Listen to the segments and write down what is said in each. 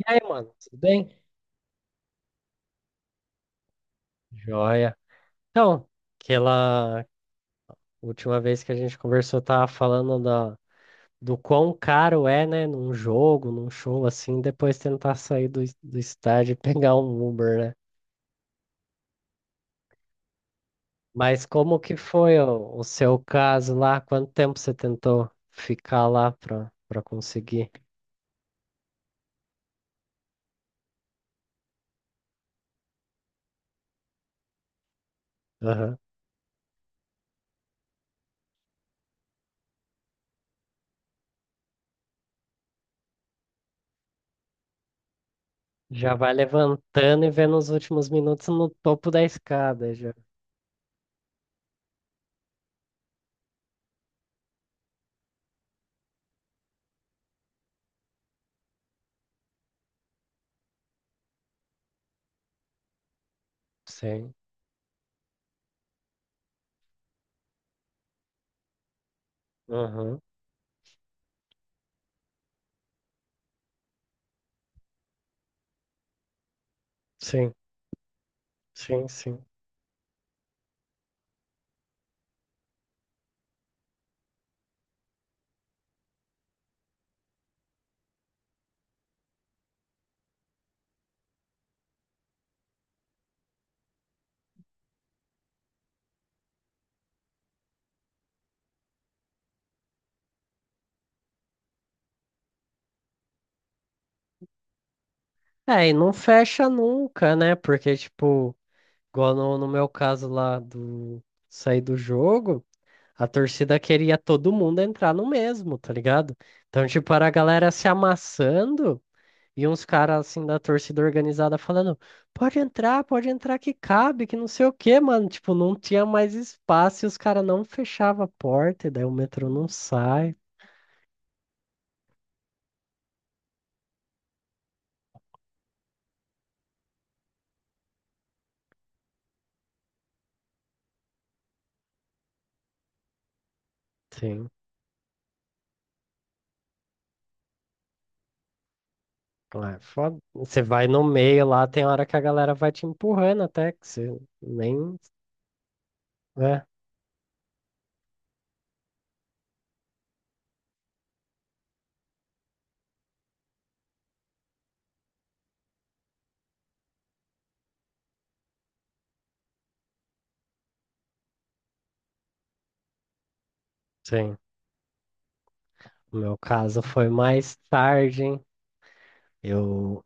E aí, mano, tudo bem? Joia. Então, aquela última vez que a gente conversou, tava falando do quão caro é, né, num jogo, num show assim, depois tentar sair do estádio e pegar um Uber, né? Mas como que foi o seu caso lá? Quanto tempo você tentou ficar lá pra conseguir? Aham. Já vai levantando e vendo os últimos minutos no topo da escada, já. Sim. Aham. Sim, sim, sim. É, e não fecha nunca, né? Porque, tipo, igual no meu caso lá do sair do jogo, a torcida queria todo mundo entrar no mesmo, tá ligado? Então, tipo, era a galera se amassando e uns caras, assim, da torcida organizada falando: pode entrar que cabe, que não sei o quê, mano. Tipo, não tinha mais espaço e os caras não fechavam a porta, e daí o metrô não sai. Sim. Ah, é foda. Você vai no meio lá, tem hora que a galera vai te empurrando até que você nem. É, sim. O meu caso foi mais tarde, hein? Eu.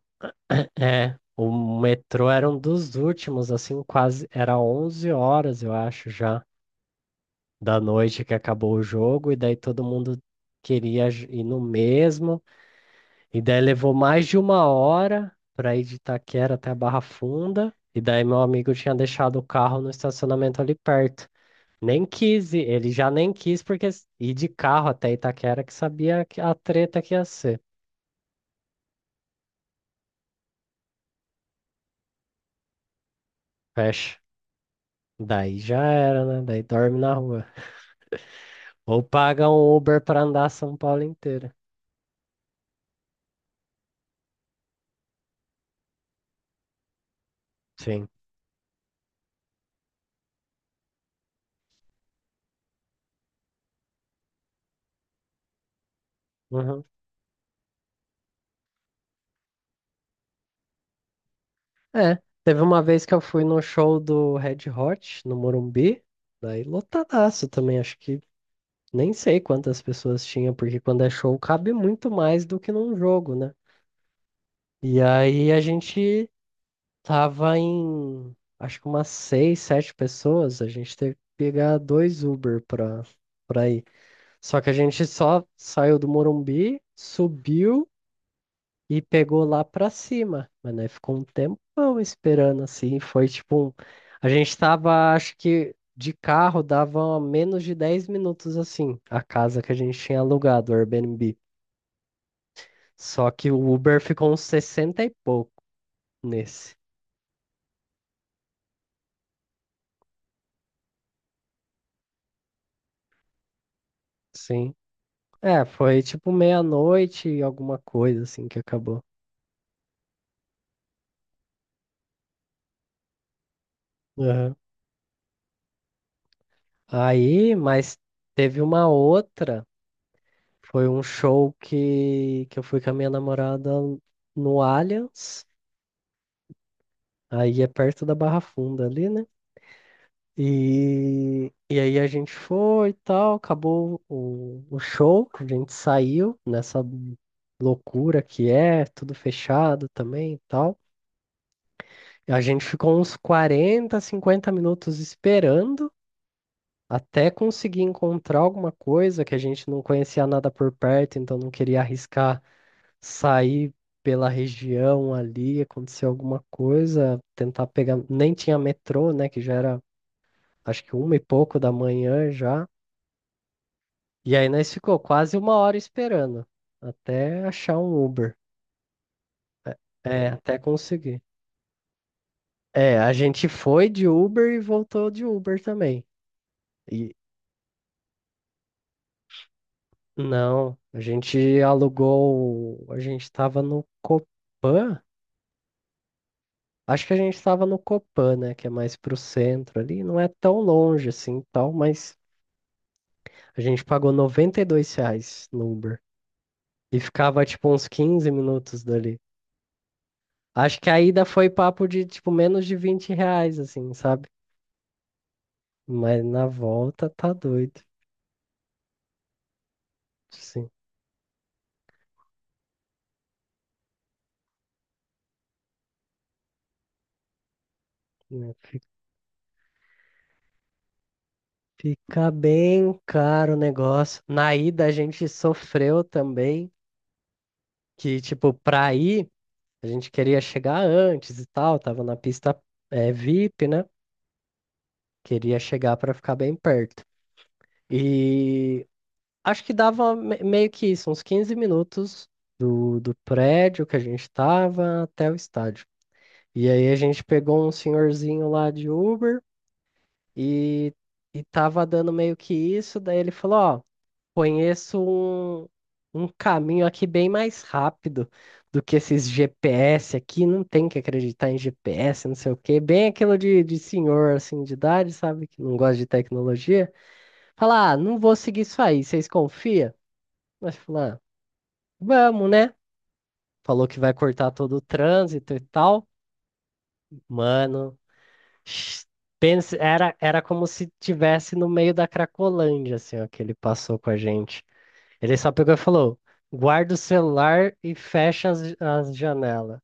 É, o metrô era um dos últimos, assim, quase. Era 11 horas, eu acho, já, da noite que acabou o jogo, e daí todo mundo queria ir no mesmo. E daí levou mais de uma hora pra ir de Itaquera até a Barra Funda. E daí meu amigo tinha deixado o carro no estacionamento ali perto. Nem quis ir, ele já nem quis, porque ir de carro até Itaquera, que sabia que a treta que ia ser. Fecha. Daí já era, né? Daí dorme na rua. Ou paga um Uber pra andar São Paulo inteira. Sim. Uhum. É, teve uma vez que eu fui no show do Red Hot, no Morumbi, daí lotadaço também, acho que nem sei quantas pessoas tinha, porque quando é show cabe muito mais do que num jogo, né? E aí a gente tava em, acho que umas seis, sete pessoas. A gente teve que pegar dois Uber pra ir. Só que a gente só saiu do Morumbi, subiu e pegou lá pra cima. Mas né, ficou um tempão esperando assim. Foi tipo um... A gente tava, acho que de carro dava menos de 10 minutos assim, a casa que a gente tinha alugado, o Airbnb. Só que o Uber ficou uns 60 e pouco nesse. Sim. É, foi tipo meia-noite e alguma coisa assim que acabou. Aham. Aí, mas teve uma outra, foi um show que eu fui com a minha namorada no Allianz, aí é perto da Barra Funda ali, né? E aí a gente foi e tal, acabou o show, a gente saiu nessa loucura que é, tudo fechado também e tal. A gente ficou uns 40, 50 minutos esperando. Até conseguir encontrar alguma coisa que a gente não conhecia nada por perto, então não queria arriscar sair pela região ali, acontecer alguma coisa, tentar pegar. Nem tinha metrô, né? Que já era, acho que uma e pouco da manhã já. E aí nós ficou quase uma hora esperando até achar um Uber. É, até conseguir. É, a gente foi de Uber e voltou de Uber também. E não, a gente alugou, a gente tava no Copan. Acho que a gente estava no Copan, né? Que é mais pro centro ali. Não é tão longe assim, tal, mas a gente pagou R$ 92 no Uber. E ficava tipo uns 15 minutos dali. Acho que a ida foi papo de tipo menos de R$ 20, assim, sabe? Mas na volta tá doido. Sim. né, fi- Fica bem caro o negócio. Na ida a gente sofreu também, que tipo, pra ir, a gente queria chegar antes e tal, tava na pista é, VIP, né? Queria chegar para ficar bem perto. E acho que dava meio que isso, uns 15 minutos do prédio que a gente estava até o estádio. E aí a gente pegou um senhorzinho lá de Uber e, e tava dando meio que isso. Daí ele falou: Ó, conheço um caminho aqui bem mais rápido do que esses GPS aqui. Não tem que acreditar em GPS, não sei o quê. Bem aquilo de senhor assim de idade, sabe? Que não gosta de tecnologia. Falar, ah, não vou seguir isso aí, vocês confiam? Mas falar, ah, vamos, né? Falou que vai cortar todo o trânsito e tal. Mano, sh- pense, era como se tivesse no meio da Cracolândia, assim, ó, que ele passou com a gente. Ele só pegou e falou: guarda o celular e fecha as janelas.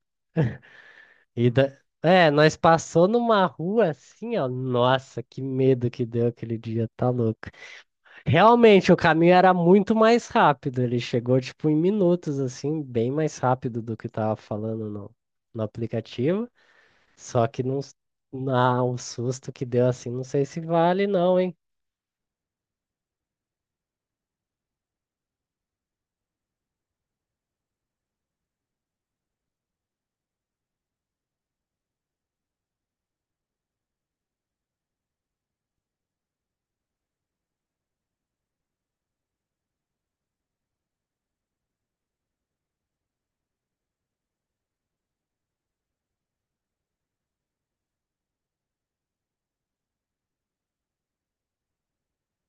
E da... É, nós passou numa rua assim, ó. Nossa, que medo que deu aquele dia, tá louco. Realmente, o caminho era muito mais rápido. Ele chegou, tipo, em minutos, assim, bem mais rápido do que tava falando no aplicativo. Só que não, na, o susto que deu, assim, não sei se vale, não, hein?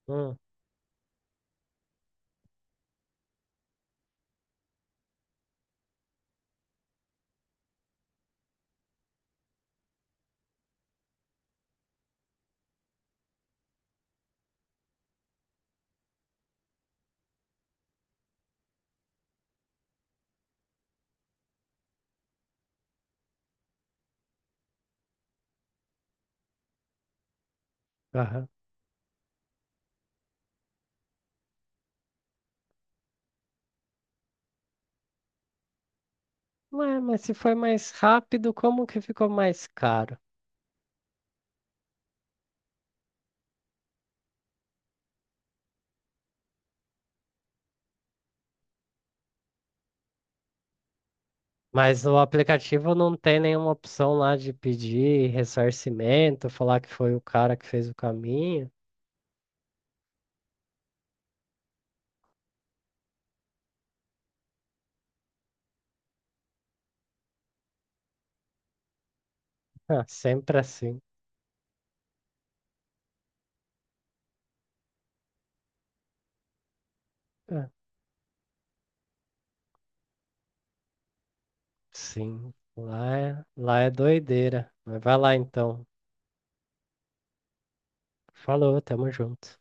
Hum, aham. Ué, mas se foi mais rápido, como que ficou mais caro? Mas o aplicativo não tem nenhuma opção lá de pedir ressarcimento, falar que foi o cara que fez o caminho. Ah, sempre assim. Ah. Sim, lá é doideira. Mas vai lá então. Falou, tamo junto.